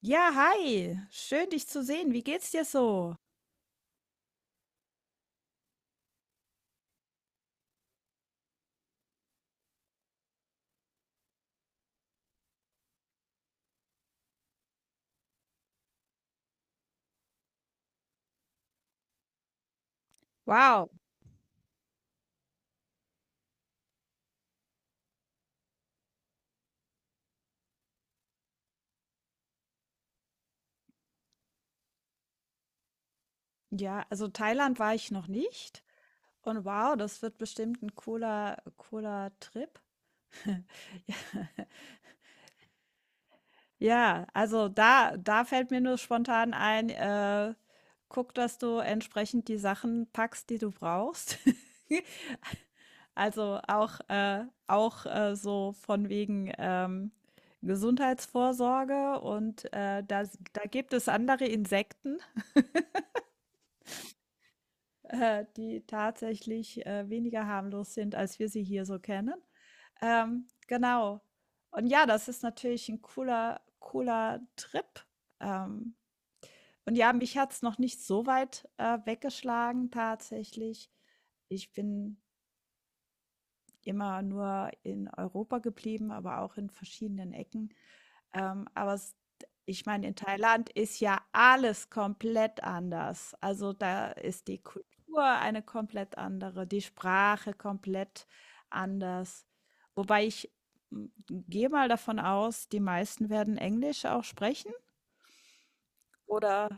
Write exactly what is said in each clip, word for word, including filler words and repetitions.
Ja, hi. Schön, dich zu sehen. Wie geht's dir so? Wow. Ja, also Thailand war ich noch nicht. Und wow, das wird bestimmt ein cooler, cooler Trip. Ja, ja, also da, da fällt mir nur spontan ein, äh, guck, dass du entsprechend die Sachen packst, die du brauchst. Also auch, äh, auch äh, so von wegen ähm, Gesundheitsvorsorge und äh, da, da gibt es andere Insekten. Äh, die tatsächlich äh, weniger harmlos sind, als wir sie hier so kennen. Ähm, genau. Und ja, das ist natürlich ein cooler cooler Trip. Ähm, und ja, mich hat's noch nicht so weit, äh, weggeschlagen tatsächlich. Ich bin immer nur in Europa geblieben, aber auch in verschiedenen Ecken. Ähm, aber es ich meine, in Thailand ist ja alles komplett anders. Also da ist die Kultur eine komplett andere, die Sprache komplett anders. Wobei ich m, gehe mal davon aus, die meisten werden Englisch auch sprechen, oder?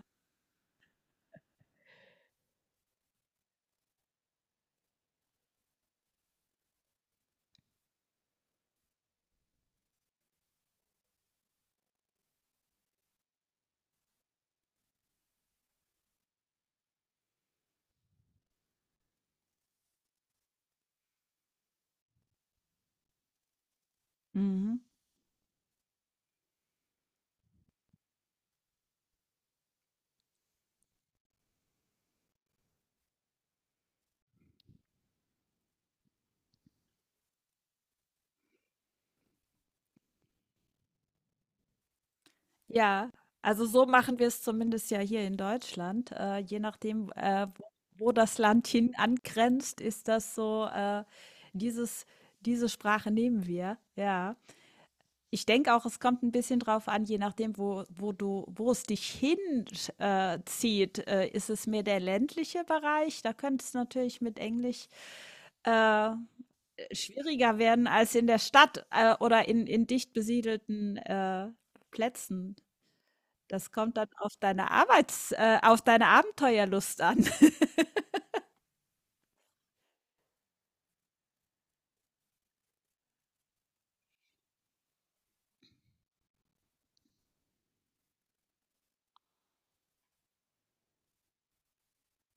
Mhm. Ja, also so machen wir es zumindest ja hier in Deutschland. Äh, je nachdem, äh, wo wo das Land hin angrenzt, ist das so, äh, dieses, diese Sprache nehmen wir. Ja. Ich denke auch, es kommt ein bisschen drauf an, je nachdem, wo, wo du, wo es dich hinzieht. Äh, zieht. Äh, ist es mehr der ländliche Bereich? Da könnte es natürlich mit Englisch äh, schwieriger werden als in der Stadt äh, oder in, in dicht besiedelten äh, Plätzen. Das kommt dann auf deine Arbeits äh, auf deine Abenteuerlust an.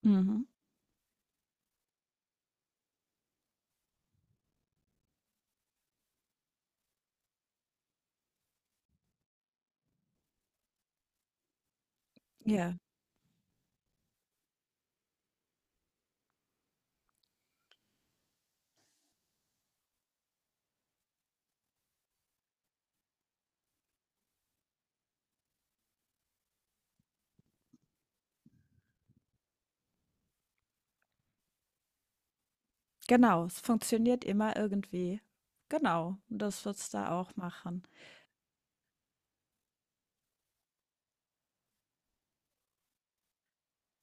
Mhm. Ja, genau. Es funktioniert immer irgendwie. Genau. Und das wird's da auch machen.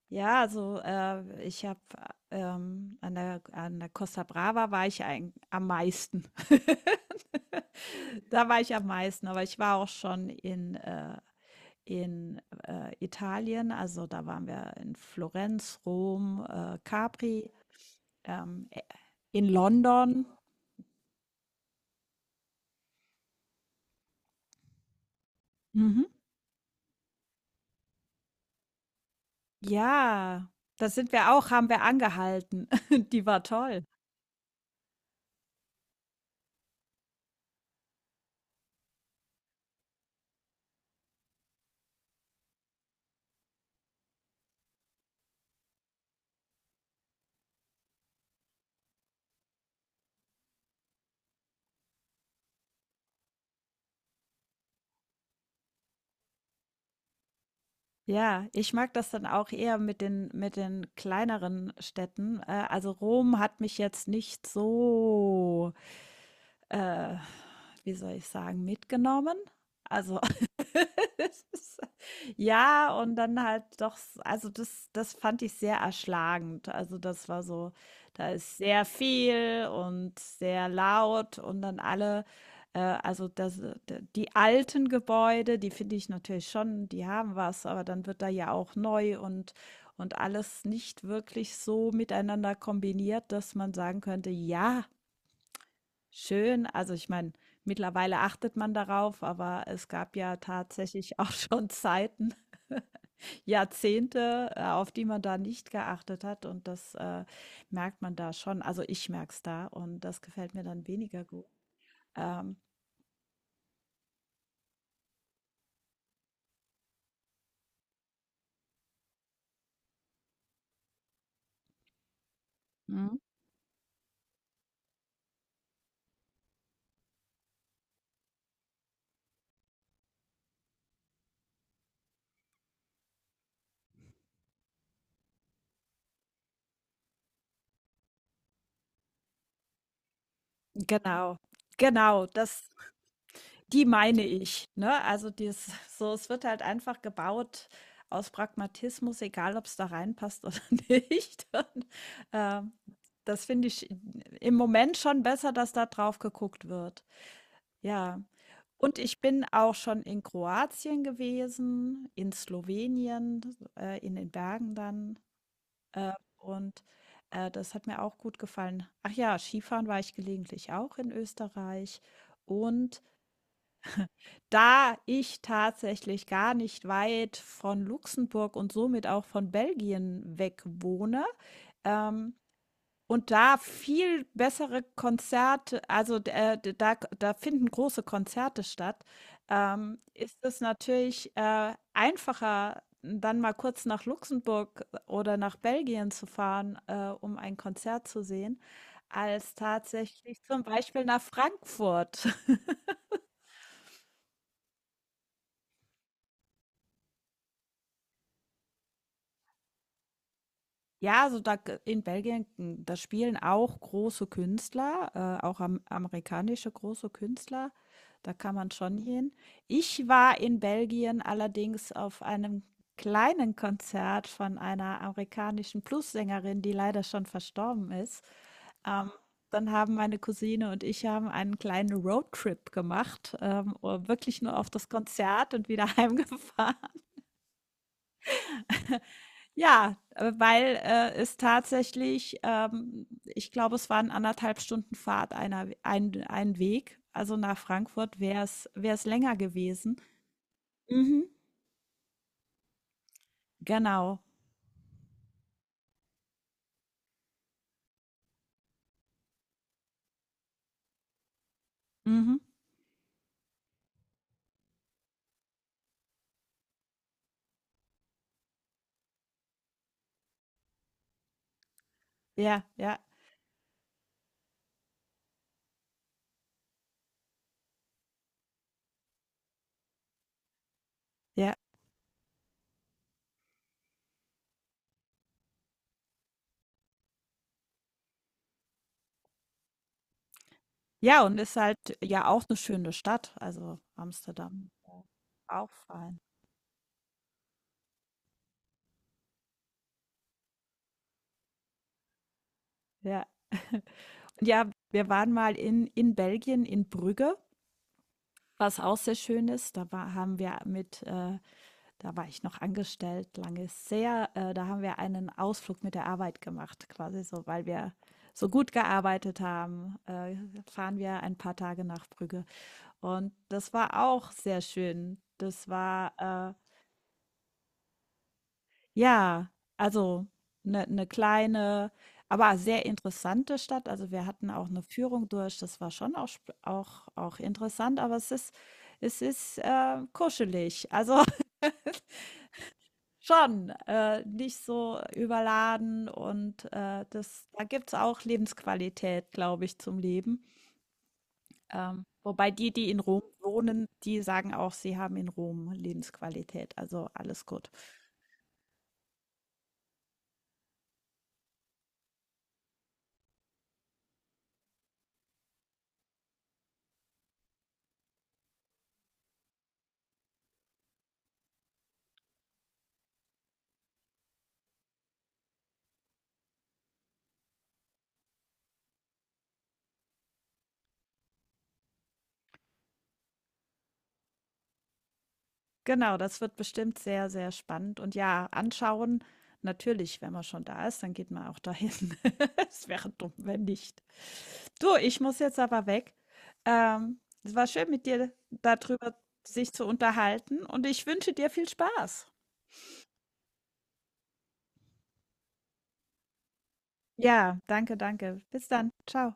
Ja, also, äh, ich habe, ähm, an der an der Costa Brava war ich eigen am meisten. Da war ich am meisten, aber ich war auch schon in, äh in, äh, Italien. Also, da waren wir in Florenz, Rom, äh, Capri. Ähm, äh, in London. Mhm. Ja, da sind wir auch haben wir angehalten. Die war toll. Ja, ich mag das dann auch eher mit den mit den kleineren Städten. Äh, also Rom hat mich jetzt nicht so, äh, wie soll ich sagen, mitgenommen. Also das ist- Ja, und dann halt doch, also das, das fand ich sehr erschlagend. Also das war so, da ist sehr viel und sehr laut und dann alle, äh, also das, d- die alten Gebäude, die finde ich natürlich schon, die haben was, aber dann wird da ja auch neu und, und alles nicht wirklich so miteinander kombiniert, dass man sagen könnte, ja, schön. Also, ich meine, mittlerweile achtet man darauf, aber es gab ja tatsächlich auch schon Zeiten, Jahrzehnte, äh, auf die man da nicht geachtet hat und das äh, merkt man da schon. Also, ich merke es da und das gefällt mir dann weniger gut. Ähm, Mhm. Genau, genau, das die meine ich, ne? Also, dies so es wird halt einfach gebaut aus Pragmatismus, egal ob es da reinpasst oder nicht. Und, ähm, das finde ich im Moment schon besser, dass da drauf geguckt wird. Ja. Und ich bin auch schon in Kroatien gewesen, in Slowenien, äh, in den Bergen dann, äh, und, äh, das hat mir auch gut gefallen. Ach ja, Skifahren war ich gelegentlich auch in Österreich und da ich tatsächlich gar nicht weit von Luxemburg und somit auch von Belgien weg wohne, ähm, und da viel bessere Konzerte also, äh, da da finden große Konzerte statt, ähm, ist es natürlich, äh, einfacher, dann mal kurz nach Luxemburg äh, oder nach Belgien zu fahren, äh, um ein Konzert zu sehen, als tatsächlich zum Beispiel nach Frankfurt. Ja, also da g in Belgien, hm, da spielen auch große Künstler, äh, auch am amerikanische große Künstler. Da kann man schon hin. Ich war in Belgien allerdings auf einem kleinen Konzert von einer amerikanischen Plus-Sängerin, die leider schon verstorben ist. Ähm, Dann haben meine Cousine und ich haben einen kleinen Roadtrip gemacht, ähm, wirklich nur auf das Konzert und wieder heimgefahren. Ja, äh, weil äh, es tatsächlich, ähm, ich glaube, es waren anderthalb Stunden Fahrt einer, ein, ein Weg. Also nach Frankfurt wäre es, wäre es länger gewesen. Mhm. Genau. Mhm. Ja, ja, ja. Ja, und ist halt ja auch eine schöne Stadt. Also Amsterdam. Ja. Auch fein. Ja. Ja, wir waren mal in, in Belgien, in Brügge, was auch sehr schön ist. Da war, haben wir mit äh, Da war ich noch angestellt, lange sehr. Äh, da haben wir einen Ausflug mit der Arbeit gemacht, quasi so, weil wir so gut gearbeitet haben, äh, fahren wir ein paar Tage nach Brügge. Und das war auch sehr schön. Das war, äh, ja, also eine ne kleine, aber sehr interessante Stadt. Also wir hatten auch eine Führung durch. Das war schon auch, sp- auch, auch interessant, aber es ist, es ist äh, kuschelig. Also schon, äh, nicht so überladen und, äh, das da gibt's auch Lebensqualität, glaube ich, zum Leben. Ähm, wobei die, die in Rom wohnen, die sagen auch, sie haben in Rom Lebensqualität, also alles gut. Genau, das wird bestimmt sehr, sehr spannend und ja, anschauen natürlich, wenn man schon da ist, dann geht man auch dahin. Es wäre dumm, wenn nicht. Du, ich muss jetzt aber weg. Ähm, es war schön, mit dir darüber sich zu unterhalten und ich wünsche dir viel Spaß. Ja, danke, danke. Bis dann. Ciao.